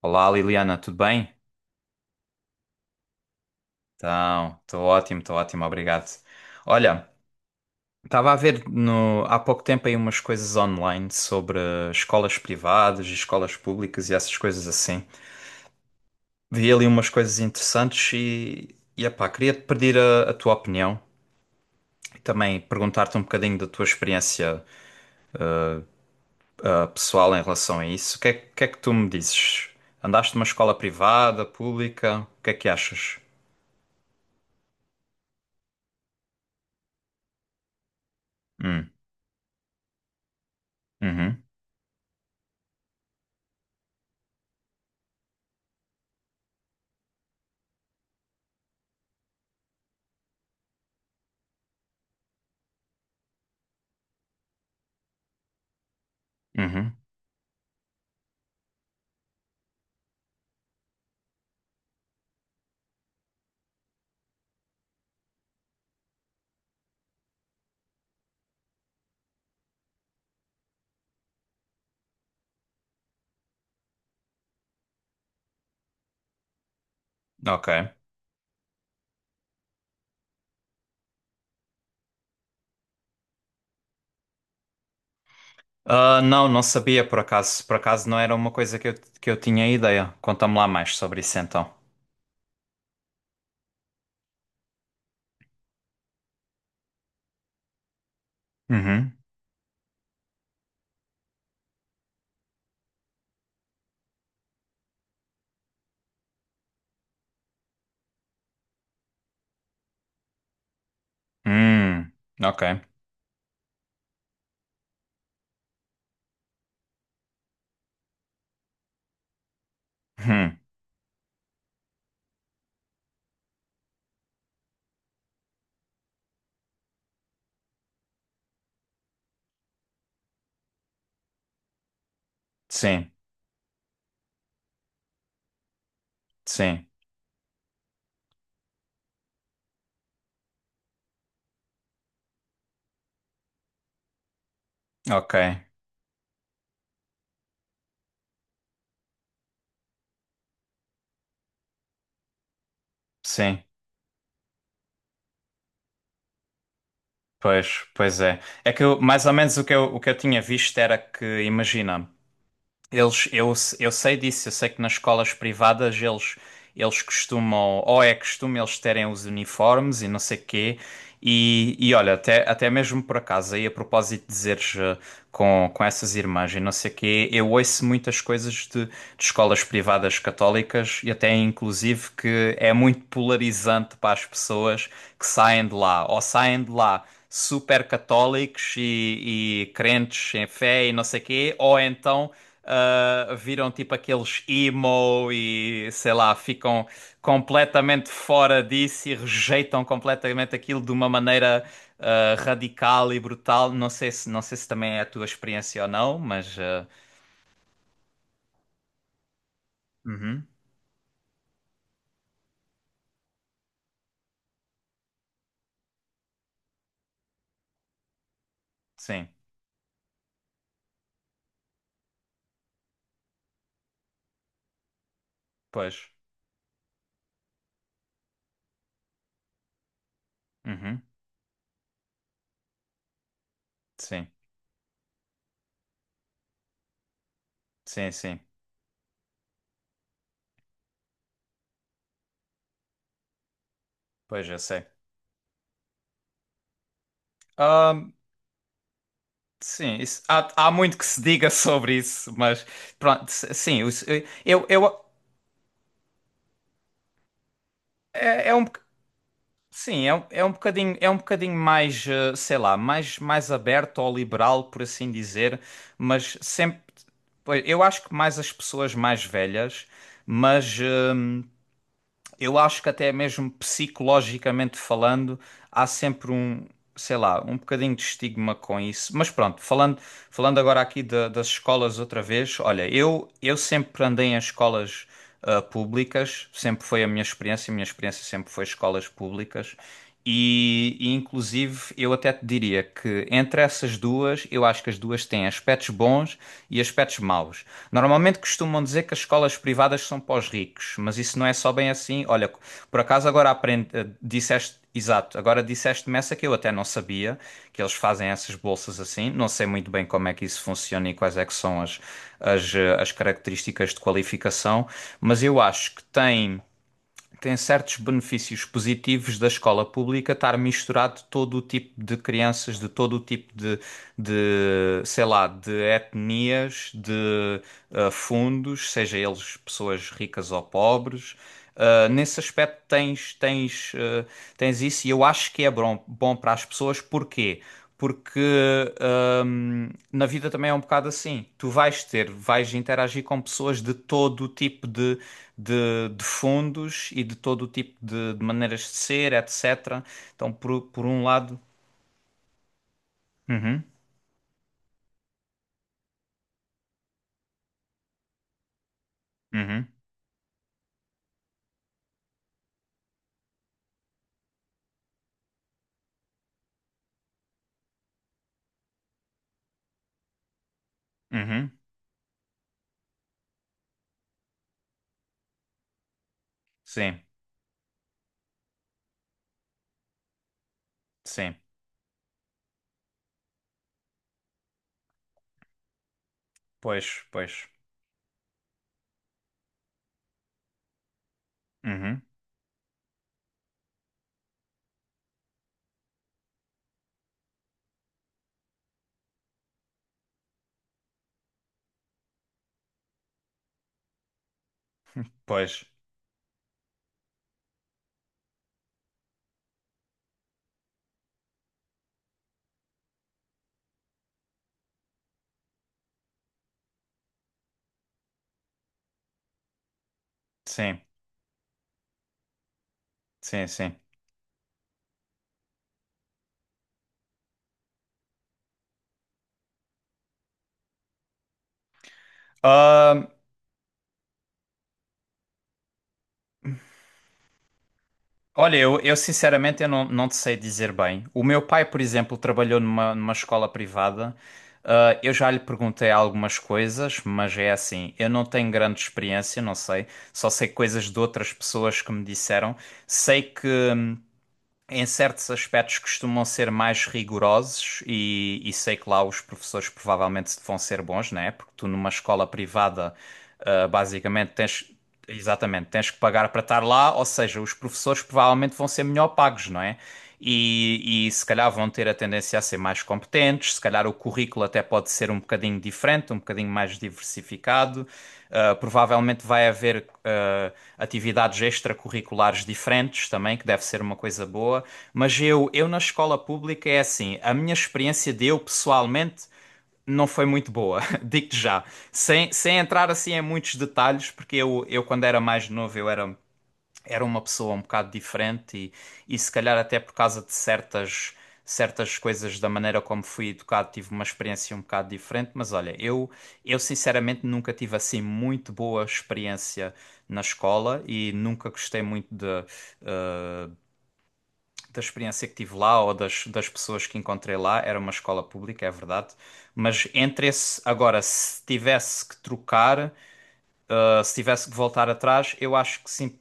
Olá Liliana, tudo bem? Então, estou ótimo, obrigado. Olha, estava a ver no- há pouco tempo aí umas coisas online sobre escolas privadas e escolas públicas e essas coisas assim. Vi ali umas coisas interessantes e epá, queria te pedir a tua opinião e também perguntar-te um bocadinho da tua experiência pessoal em relação a isso. O que é que tu me dizes? Andaste numa escola privada, pública? O que é que achas? Hum, uhum, uhum, ok. Ah, não, não sabia por acaso. Por acaso não era uma coisa que eu tinha ideia. Conta-me lá mais sobre isso então. Uhum. Hum. Ok. Hum. Sim. Sim. Ok. Sim. Pois, pois é. É que eu, mais ou menos o que eu tinha visto era que, imagina. Eles, eu sei disso, eu sei que nas escolas privadas eles, eles costumam, ou é costume eles terem os uniformes e não sei quê. E olha, até, até mesmo por acaso, aí a propósito de dizeres com essas irmãs e não sei quê, eu ouço muitas coisas de escolas privadas católicas e até inclusive que é muito polarizante para as pessoas que saem de lá, ou saem de lá super católicos e crentes em fé e não sei quê, ou então viram tipo aqueles emo e sei lá, ficam completamente fora disso e rejeitam completamente aquilo de uma maneira radical e brutal. Não sei se, não sei se também é a tua experiência ou não, mas uhum, sim, pois, uhum, sim, sim, sim, pois eu sei. Sim, isso- há, há muito que se diga sobre isso, mas pronto, s- sim, os- eu, eu, é, sim, é um bocadinho mais, sei lá, mais, mais aberto ao liberal, por assim dizer, mas sempre, pois, eu acho que mais as pessoas mais velhas, mas eu acho que até mesmo psicologicamente falando, há sempre um, sei lá, um bocadinho de estigma com isso. Mas pronto, falando, das escolas outra vez, olha, eu sempre andei em escolas públicas, sempre foi a minha experiência sempre foi escolas públicas. E inclusive eu até te diria que entre essas duas, eu acho que as duas têm aspectos bons e aspectos maus. Normalmente costumam dizer que as escolas privadas são para os ricos, mas isso não é só bem assim. Olha, por acaso agora aprendi, disseste, exato, agora disseste-me essa que eu até não sabia, que eles fazem essas bolsas assim. Não sei muito bem como é que isso funciona e quais é que são as, as características de qualificação, mas eu acho que tem certos benefícios positivos da escola pública estar misturado todo o tipo de crianças, de todo o tipo de sei lá, de etnias, de fundos, seja eles pessoas ricas ou pobres. Ah, nesse aspecto tens, tens, tens isso e eu acho que é bom, bom para as pessoas. Porquê? Porque na vida também é um bocado assim. Tu vais ter, vais interagir com pessoas de todo o tipo de, de fundos e de todo o tipo de maneiras de ser, etc. Então, por um lado. Uhum, uhum, uhum. Sim, sim. Pois, pois. Uhum, pois. Sim, sim, sim. Hum, olha, eu sinceramente eu não, não te sei dizer bem. O meu pai, por exemplo, trabalhou numa escola privada. Ah, eu já lhe perguntei algumas coisas, mas é assim, eu não tenho grande experiência, não sei. Só sei coisas de outras pessoas que me disseram. Sei que em certos aspectos costumam ser mais rigorosos e sei que lá os professores provavelmente vão ser bons, né? Porque tu numa escola privada, basicamente tens, exatamente, tens que pagar para estar lá, ou seja, os professores provavelmente vão ser melhor pagos, não é? E se calhar vão ter a tendência a ser mais competentes, se calhar o currículo até pode ser um bocadinho diferente, um bocadinho mais diversificado. Provavelmente vai haver atividades extracurriculares diferentes também, que deve ser uma coisa boa. Mas eu na escola pública é assim, a minha experiência de eu pessoalmente não foi muito boa, digo-te já. Sem, sem entrar assim em muitos detalhes, porque eu quando era mais novo eu era uma pessoa um bocado diferente e se calhar até por causa de certas coisas da maneira como fui educado, tive uma experiência um bocado diferente, mas olha, eu sinceramente nunca tive assim muito boa experiência na escola e nunca gostei muito de, da experiência que tive lá ou das, das pessoas que encontrei lá. Era uma escola pública, é verdade, mas entre esse agora, se tivesse que trocar se tivesse que voltar atrás, eu acho que sim,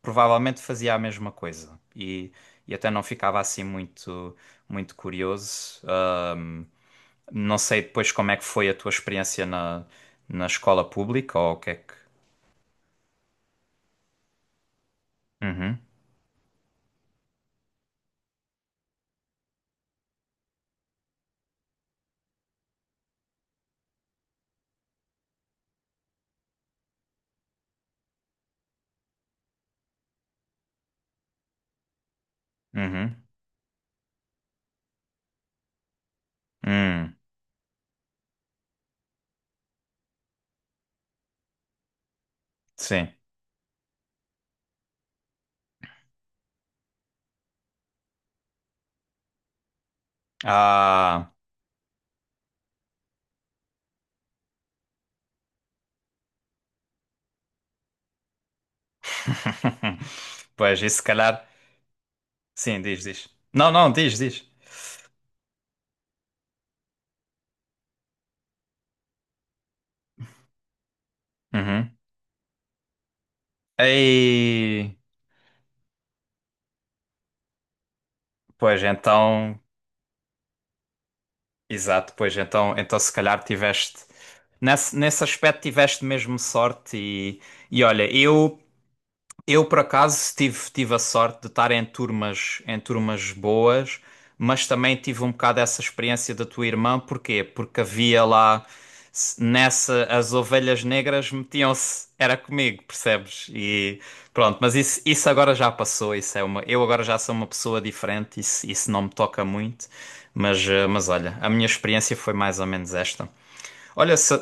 provavelmente fazia a mesma coisa. E até não ficava assim muito, muito curioso. Não sei depois como é que foi a tua experiência na, na escola pública ou o que é que. Uhum, uhum, hum, sim. Ah. Pois, isso se calhar. Sim, diz, diz. Não, não, diz, diz. Uhum. Aí. Pois então. Exato, pois então, então se calhar tiveste nesse, nesse aspecto tiveste mesmo sorte e olha, eu, por acaso, tive, tive a sorte de estar em turmas boas, mas também tive um bocado essa experiência da tua irmã. Porquê? Porque havia lá, as ovelhas negras metiam-se, era comigo, percebes? E pronto, mas isso agora já passou, isso é uma, eu agora já sou uma pessoa diferente, isso não me toca muito, mas, mas olha, a minha experiência foi mais ou menos esta. Olha, se,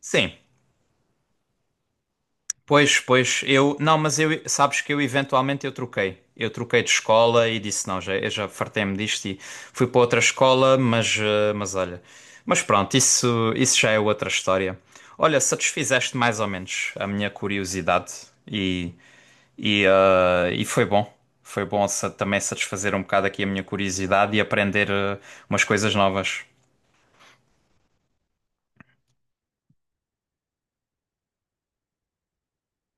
sim. Pois, pois, eu, não, mas eu, sabes que eu eventualmente eu troquei. Eu troquei de escola e disse, não, já, eu já fartei-me disto e fui para outra escola, mas, mas olha. Mas pronto, isso já é outra história. Olha, satisfizeste mais ou menos a minha curiosidade e, e foi bom. Também satisfazer um bocado aqui a minha curiosidade e aprender, umas coisas novas.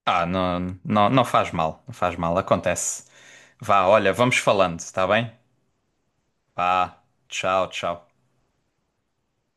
Ah, não, não, não faz mal, não faz mal, acontece. Vá, olha, vamos falando, está bem? Pá, tchau, tchau.